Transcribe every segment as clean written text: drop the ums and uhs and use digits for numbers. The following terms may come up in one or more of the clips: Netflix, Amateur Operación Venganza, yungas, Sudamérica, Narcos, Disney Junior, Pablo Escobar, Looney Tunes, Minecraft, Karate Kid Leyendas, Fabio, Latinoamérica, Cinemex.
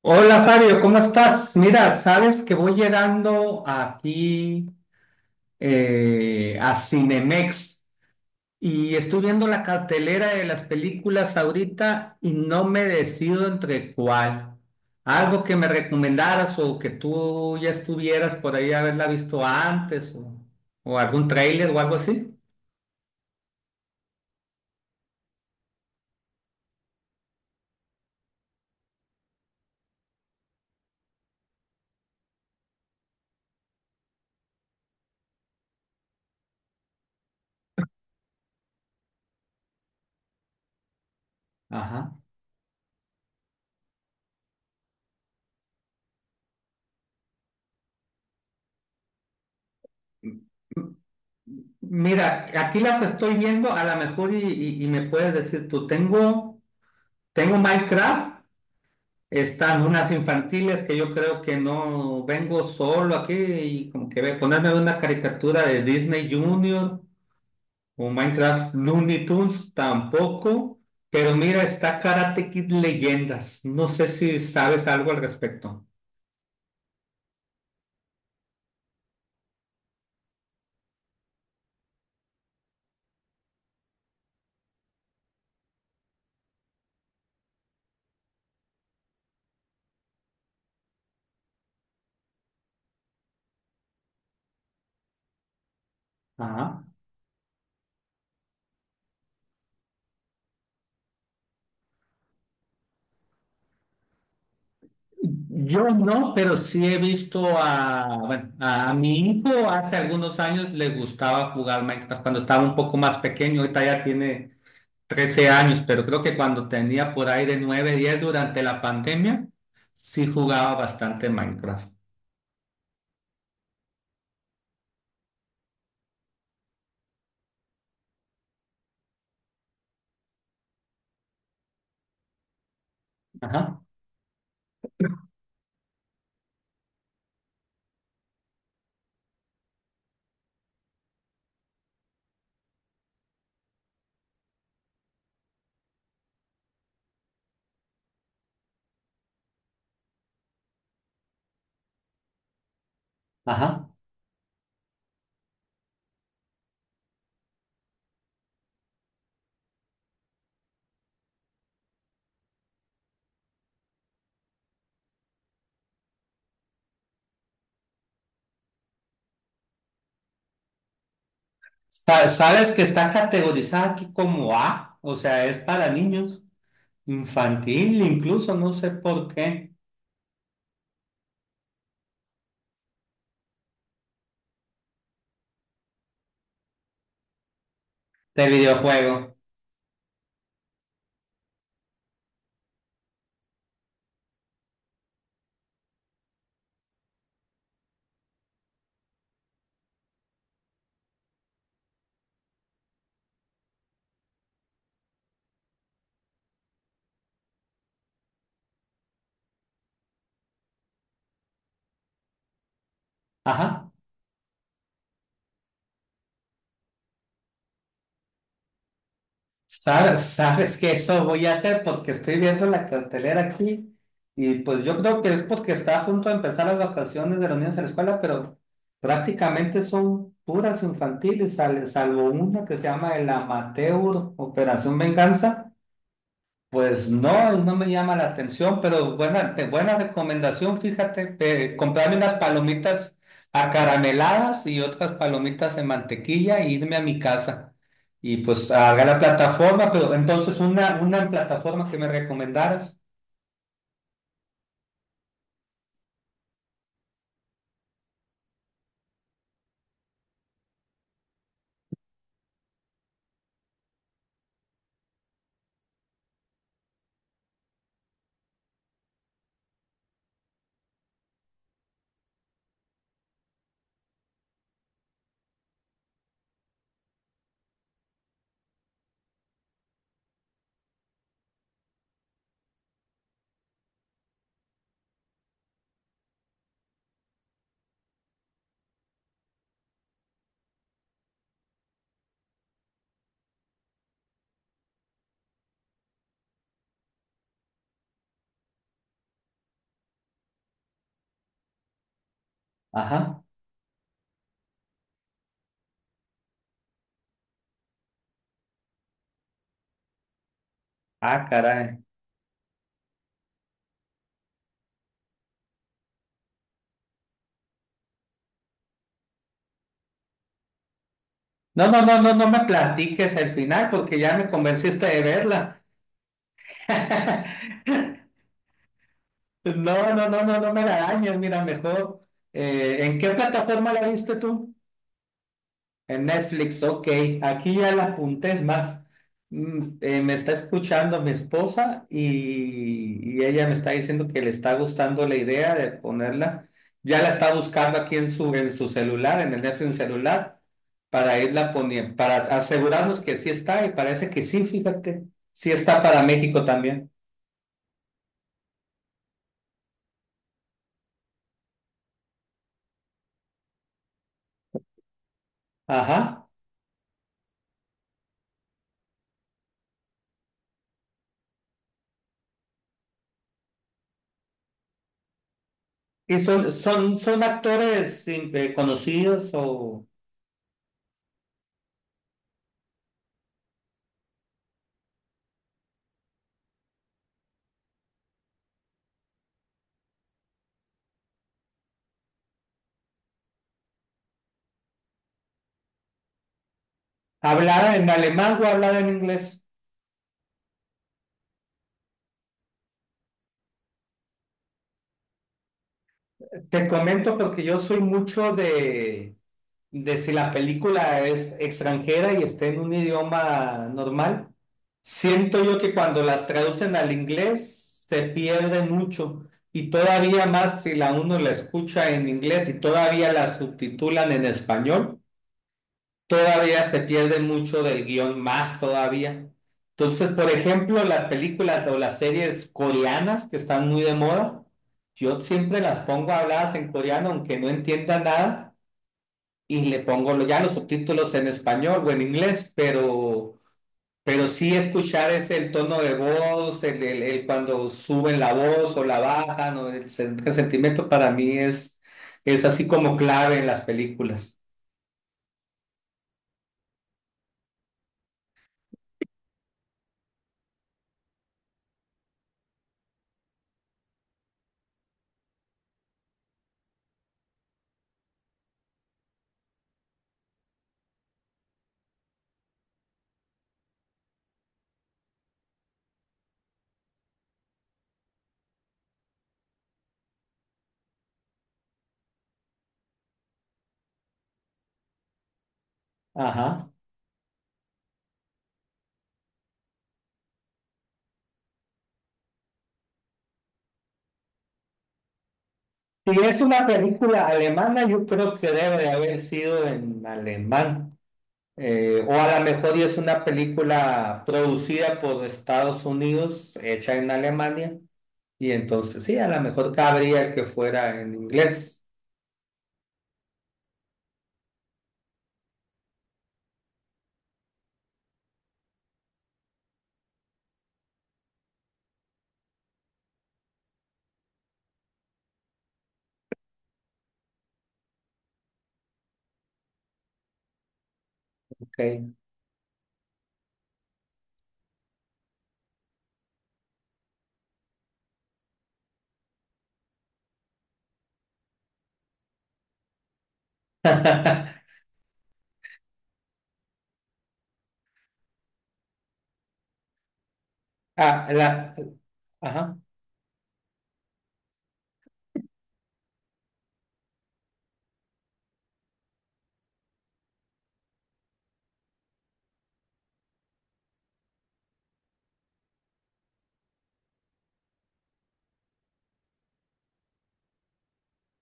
Hola Fabio, ¿cómo estás? Mira, sabes que voy llegando aquí a Cinemex y estoy viendo la cartelera de las películas ahorita y no me decido entre cuál. Algo que me recomendaras o que tú ya estuvieras por ahí haberla visto antes o algún tráiler o algo así. Ajá. Mira, aquí las estoy viendo, a lo mejor y me puedes decir tú, tengo Minecraft. Están unas infantiles que yo creo que no vengo solo aquí y como que ponerme una caricatura de Disney Junior o Minecraft Looney Tunes tampoco. Pero mira, está Karate Kid Leyendas. No sé si sabes algo al respecto. Ajá. Yo no, pero sí he visto a, bueno, a mi hijo hace algunos años le gustaba jugar Minecraft cuando estaba un poco más pequeño. Ahorita ya tiene 13 años, pero creo que cuando tenía por ahí de 9, 10 durante la pandemia, sí jugaba bastante Minecraft. Ajá, ajá. Sabes que está categorizada aquí como A, o sea, es para niños, infantil incluso, no sé por qué, de videojuego. Ajá. Sabes, sabes que eso voy a hacer porque estoy viendo la cartelera aquí y pues yo creo que es porque está a punto de empezar las vacaciones de los niños en la escuela, pero prácticamente son puras infantiles, salvo una que se llama el Amateur Operación Venganza. Pues no, no me llama la atención, pero buena recomendación, fíjate, comprarme unas palomitas acarameladas y otras palomitas en mantequilla e irme a mi casa. Y pues haga la plataforma, pero entonces una plataforma que me recomendaras. Ajá. Ah, caray. No, no, no, no, no me platiques el final porque ya me convenciste de verla. No, no, no, no, no me la dañes, mira, mejor. ¿ ¿En qué plataforma la viste tú? En Netflix, ok. Aquí ya la apunté, es más. Me está escuchando mi esposa y ella me está diciendo que le está gustando la idea de ponerla. Ya la está buscando aquí en en su celular, en el Netflix celular, para irla poniendo, para asegurarnos que sí está y parece que sí, fíjate. Sí está para México también. Ajá. ¿Y son, son actores conocidos o hablar en alemán o hablar en inglés? Te comento porque yo soy mucho de si la película es extranjera y está en un idioma normal, siento yo que cuando las traducen al inglés se pierde mucho y todavía más si la uno la escucha en inglés y todavía la subtitulan en español todavía se pierde mucho del guión, más todavía. Entonces, por ejemplo, las películas o las series coreanas que están muy de moda, yo siempre las pongo habladas en coreano, aunque no entienda nada, y le pongo ya los subtítulos en español o en inglés, pero sí escuchar ese el tono de voz, el cuando suben la voz o la bajan, o el sentimiento para mí es así como clave en las películas. Ajá. Si es una película alemana, yo creo que debe de haber sido en alemán. O a lo mejor y es una película producida por Estados Unidos, hecha en Alemania. Y entonces sí, a lo mejor cabría que fuera en inglés. Okay. Ah, la- ajá.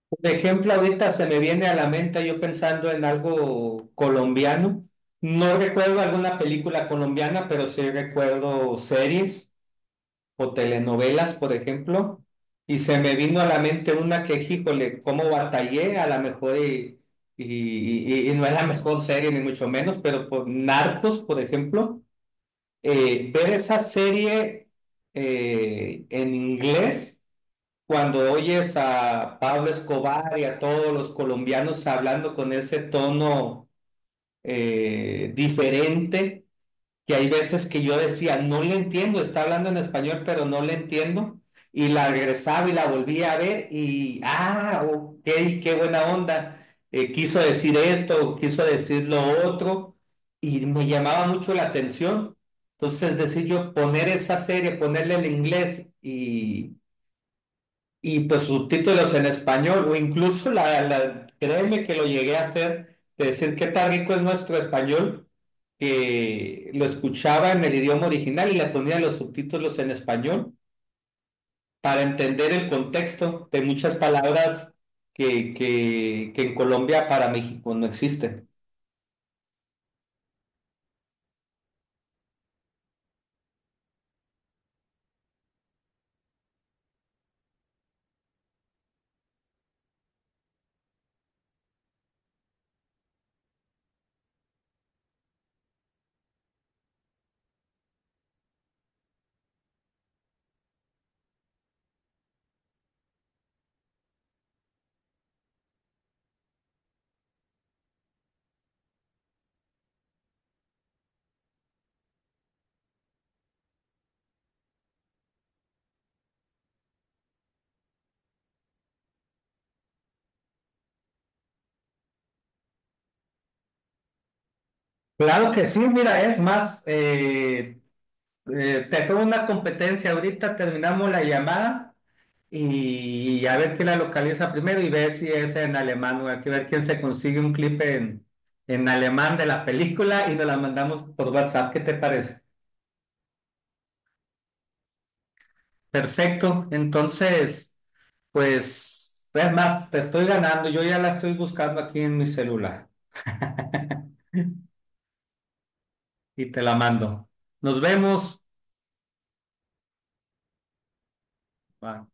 Por ejemplo, ahorita se me viene a la mente yo pensando en algo colombiano. No recuerdo alguna película colombiana, pero sí recuerdo series o telenovelas, por ejemplo, y se me vino a la mente una que, híjole, cómo batallé, a lo mejor y no es la mejor serie, ni mucho menos, pero por Narcos, por ejemplo, ver esa serie en inglés, cuando oyes a Pablo Escobar y a todos los colombianos hablando con ese tono diferente, que hay veces que yo decía, no le entiendo, está hablando en español, pero no le entiendo. Y la regresaba y la volvía a ver y, ah, ok, qué buena onda. Quiso decir esto, quiso decir lo otro, y me llamaba mucho la atención. Entonces, es decir, yo poner esa serie, ponerle el inglés y pues subtítulos en español, o incluso créeme que lo llegué a hacer, de decir qué tan rico es nuestro español, que lo escuchaba en el idioma original y le ponía los subtítulos en español para entender el contexto de muchas palabras que en Colombia para México no existen. Claro que sí, mira, es más, te hago una competencia, ahorita terminamos la llamada y, a ver quién la localiza primero y ver si es en alemán o hay que ver quién se consigue un clip en alemán de la película y nos la mandamos por WhatsApp. ¿Qué te parece? Perfecto. Entonces, pues, es más, te estoy ganando. Yo ya la estoy buscando aquí en mi celular y te la mando. Nos vemos. Bye.